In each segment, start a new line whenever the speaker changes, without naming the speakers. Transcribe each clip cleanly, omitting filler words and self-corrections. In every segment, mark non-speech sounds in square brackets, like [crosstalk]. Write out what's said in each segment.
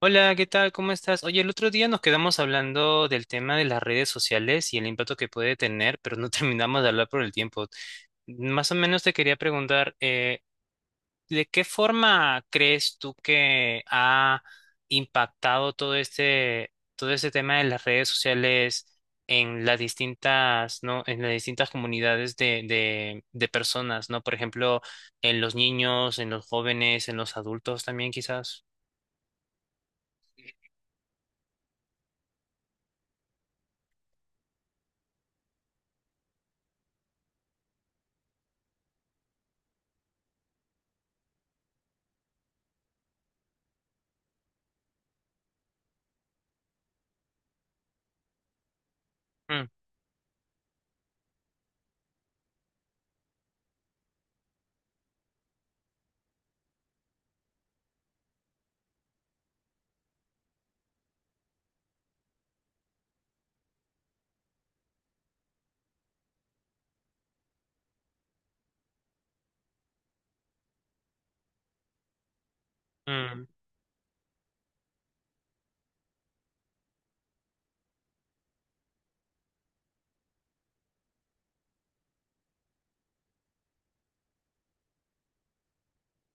Hola, ¿qué tal? ¿Cómo estás? Oye, el otro día nos quedamos hablando del tema de las redes sociales y el impacto que puede tener, pero no [laughs] terminamos de hablar por el tiempo. Más o menos te quería preguntar, ¿de qué forma crees tú que ha impactado todo este tema de las redes sociales en las distintas, ¿no? En las distintas comunidades de personas, ¿no? Por ejemplo, en los niños, en los jóvenes, en los adultos también quizás. Mm, mm,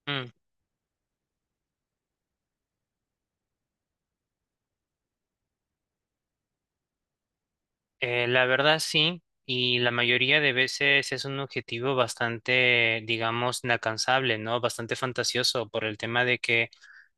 mm. La verdad sí, y la mayoría de veces es un objetivo bastante, digamos, inalcanzable, ¿no? Bastante fantasioso por el tema de que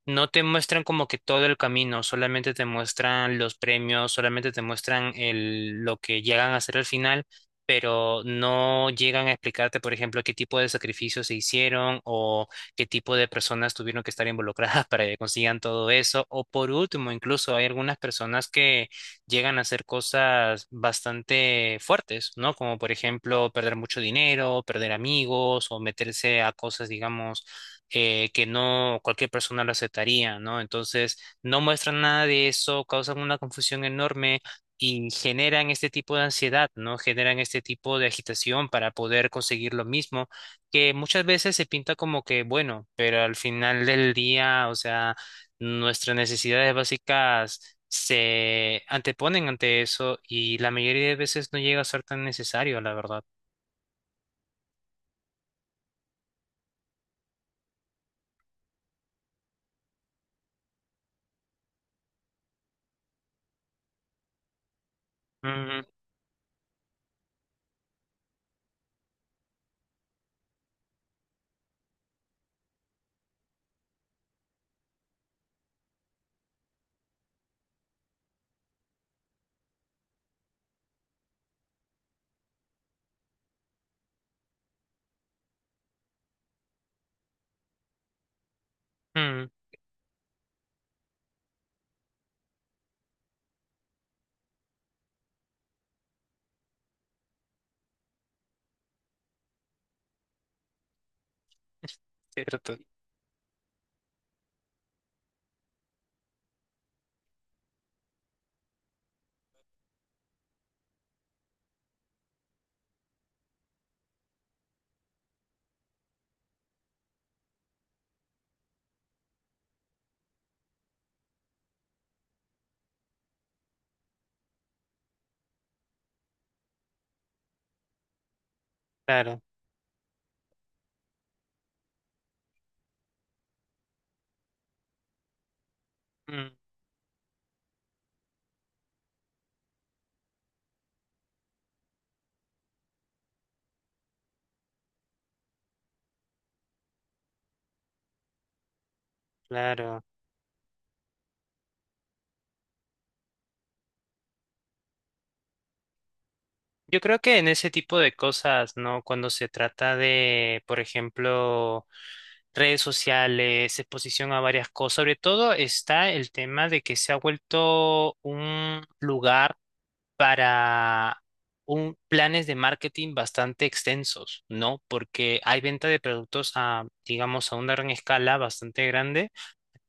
no te muestran como que todo el camino, solamente te muestran los premios, solamente te muestran lo que llegan a hacer al final, pero no llegan a explicarte, por ejemplo, qué tipo de sacrificios se hicieron o qué tipo de personas tuvieron que estar involucradas [laughs] para que consigan todo eso. O por último, incluso hay algunas personas que llegan a hacer cosas bastante fuertes, ¿no? Como por ejemplo perder mucho dinero, perder amigos o meterse a cosas, digamos, que no cualquier persona lo aceptaría, ¿no? Entonces, no muestran nada de eso, causan una confusión enorme y generan este tipo de ansiedad, ¿no? Generan este tipo de agitación para poder conseguir lo mismo, que muchas veces se pinta como que bueno, pero al final del día, o sea, nuestras necesidades básicas se anteponen ante eso y la mayoría de veces no llega a ser tan necesario, la verdad. Ujú, ujú, cierto, claro, mm, claro. Yo creo que en ese tipo de cosas, ¿no? Cuando se trata de, por ejemplo, redes sociales, exposición a varias cosas, sobre todo está el tema de que se ha vuelto un lugar para planes de marketing bastante extensos, ¿no? Porque hay venta de productos a, digamos, a una gran escala bastante grande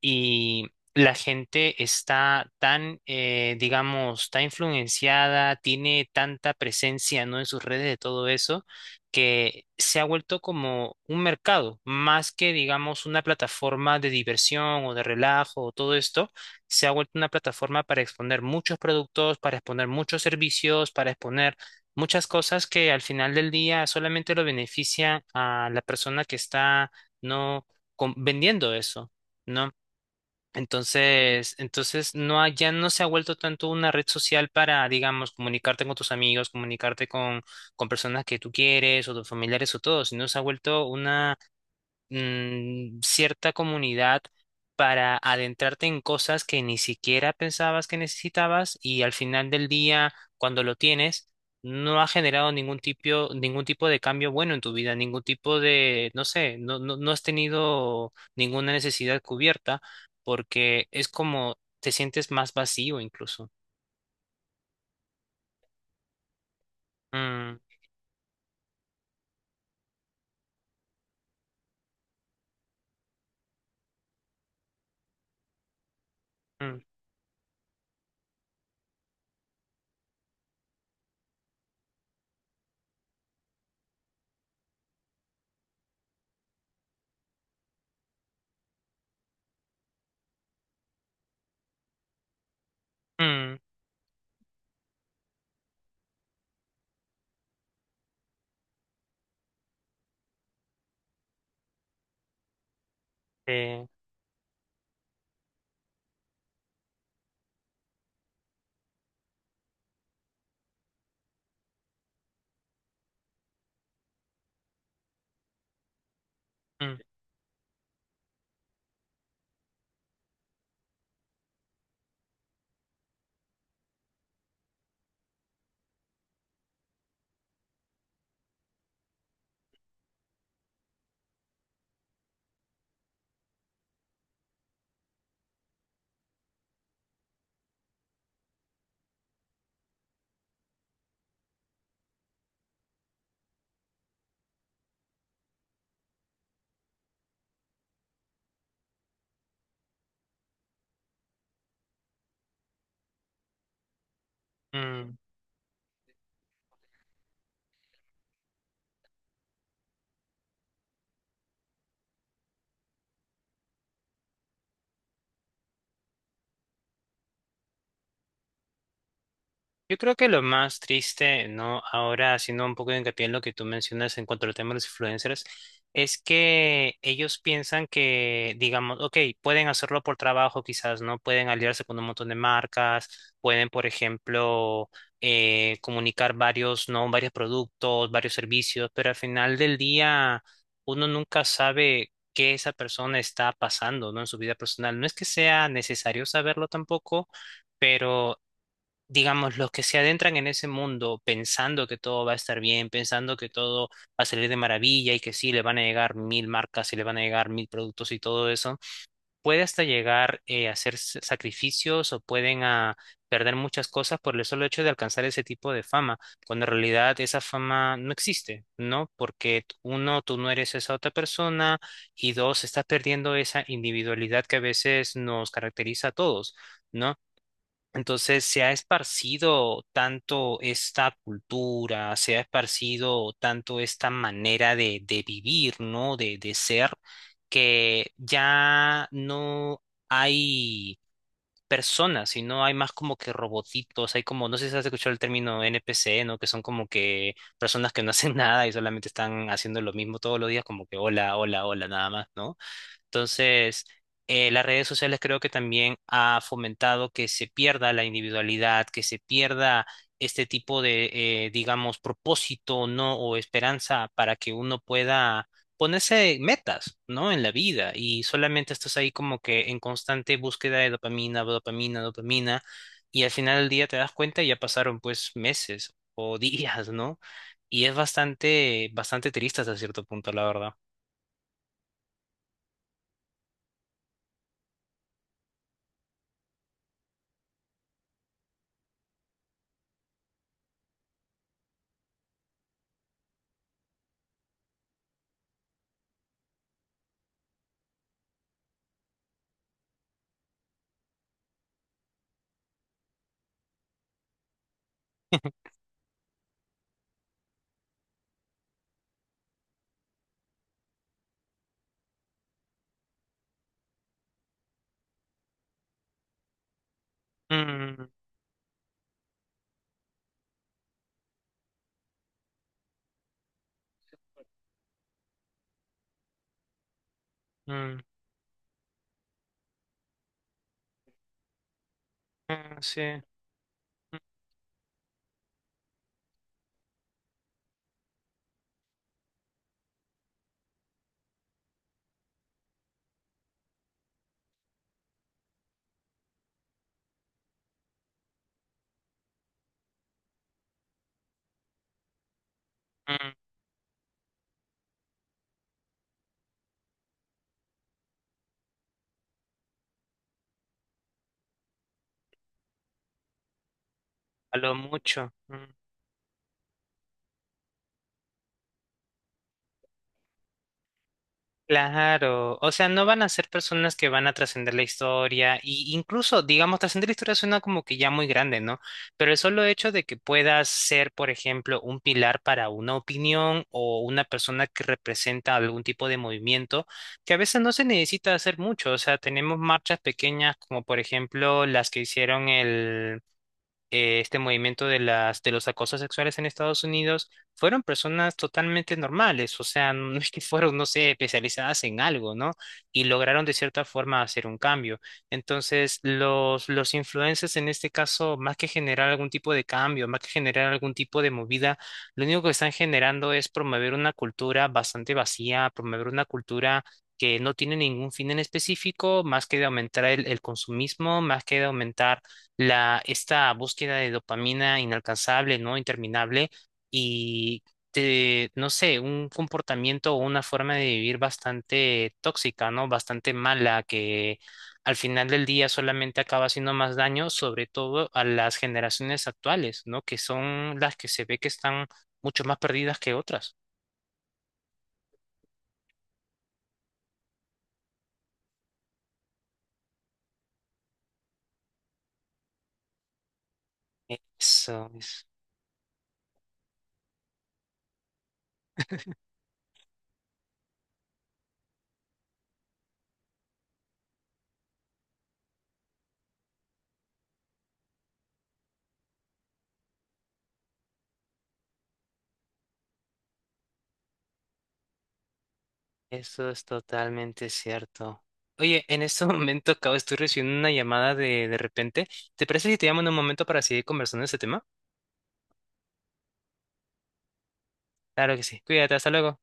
y la gente está tan, digamos, tan influenciada, tiene tanta presencia, ¿no? En sus redes de todo eso, que se ha vuelto como un mercado, más que, digamos, una plataforma de diversión o de relajo o todo esto, se ha vuelto una plataforma para exponer muchos productos, para exponer muchos servicios, para exponer muchas cosas que al final del día solamente lo beneficia a la persona que está, ¿no? Com- vendiendo eso. ¿No? Entonces no ha- ya no se ha vuelto tanto una red social para, digamos, comunicarte con tus amigos, comunicarte con personas que tú quieres o tus familiares o todo, sino se ha vuelto, mm, cierta comunidad para adentrarte en cosas que ni siquiera pensabas que necesitabas y al final del día, cuando lo tienes, no ha generado ningún tipo de cambio bueno en tu vida, ningún tipo de, no sé, no has tenido ninguna necesidad cubierta porque es como te sientes más vacío incluso. Mm, mm, mm, eh, mm, mm. Yo creo que lo más triste, ¿no? Ahora haciendo un poco de hincapié en lo que tú mencionas en cuanto al tema de los influencers, es que ellos piensan que, digamos, ok, pueden hacerlo por trabajo quizás, ¿no? Pueden aliarse con un montón de marcas, pueden, por ejemplo, comunicar varios, ¿no? Varios productos, varios servicios, pero al final del día uno nunca sabe qué esa persona está pasando, ¿no? En su vida personal. No es que sea necesario saberlo tampoco. Pero digamos, los que se adentran en ese mundo pensando que todo va a estar bien, pensando que todo va a salir de maravilla y que sí, le van a llegar mil marcas y le van a llegar mil productos y todo eso, puede hasta llegar, a hacer s- sacrificios o pueden a perder muchas cosas por el solo hecho de alcanzar ese tipo de fama, cuando en realidad esa fama no existe, ¿no? Porque t- uno, tú no eres esa otra persona y dos, estás perdiendo esa individualidad que a veces nos caracteriza a todos. ¿No? Entonces se ha esparcido tanto esta cultura, se ha esparcido tanto esta manera de vivir, ¿no? De ser, que ya no hay personas, sino hay más como que robotitos, hay como, no sé si has escuchado el término NPC, ¿no? Que son como que personas que no hacen [laughs] nada y solamente están haciendo lo mismo todos los días, como que hola, hola, hola, nada más, ¿no? Entonces, las redes sociales creo que también ha fomentado que se pierda la individualidad, que se pierda este tipo de, digamos, propósito, ¿no? O esperanza para que uno pueda ponerse metas, ¿no? En la vida y solamente estás ahí como que en constante búsqueda de dopamina, dopamina, dopamina y al final del día te das cuenta y ya pasaron pues meses o [laughs] días, ¿no? Y es bastante, bastante triste hasta cierto punto, la verdad. Mm, mm. Mm, sí. Mm, mm, a lo mucho. Mm, claro. O sea, no van a ser personas que van a trascender la historia. Y incluso, digamos, trascender la historia suena como que ya muy grande, ¿no? Pero el solo hecho de que puedas ser, por ejemplo, un pilar para una opinión o una persona que representa algún tipo de movimiento, que a veces no se necesita hacer mucho. O sea, tenemos marchas pequeñas como, por ejemplo, las que hicieron el, este movimiento de las de los acosos sexuales en Estados Unidos fueron personas totalmente normales, o sea, [laughs] no es que fueron, no sé, especializadas en algo, ¿no? Y lograron de cierta forma hacer un cambio. Entonces, los influencers en este caso, más que generar algún tipo de cambio, más que generar algún tipo de movida, lo único que están generando es promover una cultura bastante vacía, promover una cultura que no tiene ningún fin en específico, más que de aumentar el consumismo, más que de aumentar la, esta búsqueda de dopamina inalcanzable, ¿no? Interminable y te- no sé, un comportamiento o una forma de vivir bastante tóxica, ¿no? Bastante mala que al final del día solamente acaba haciendo más daño, sobre todo a las generaciones actuales, ¿no? Que son las que se ve que están mucho más perdidas que otras. Eso es. Eso es totalmente cierto. Oye, en este [laughs] momento acabo, estoy recibiendo una llamada de repente. ¿Te parece si te llamo en un momento para seguir conversando de este tema? Claro que sí. Cuídate, hasta luego.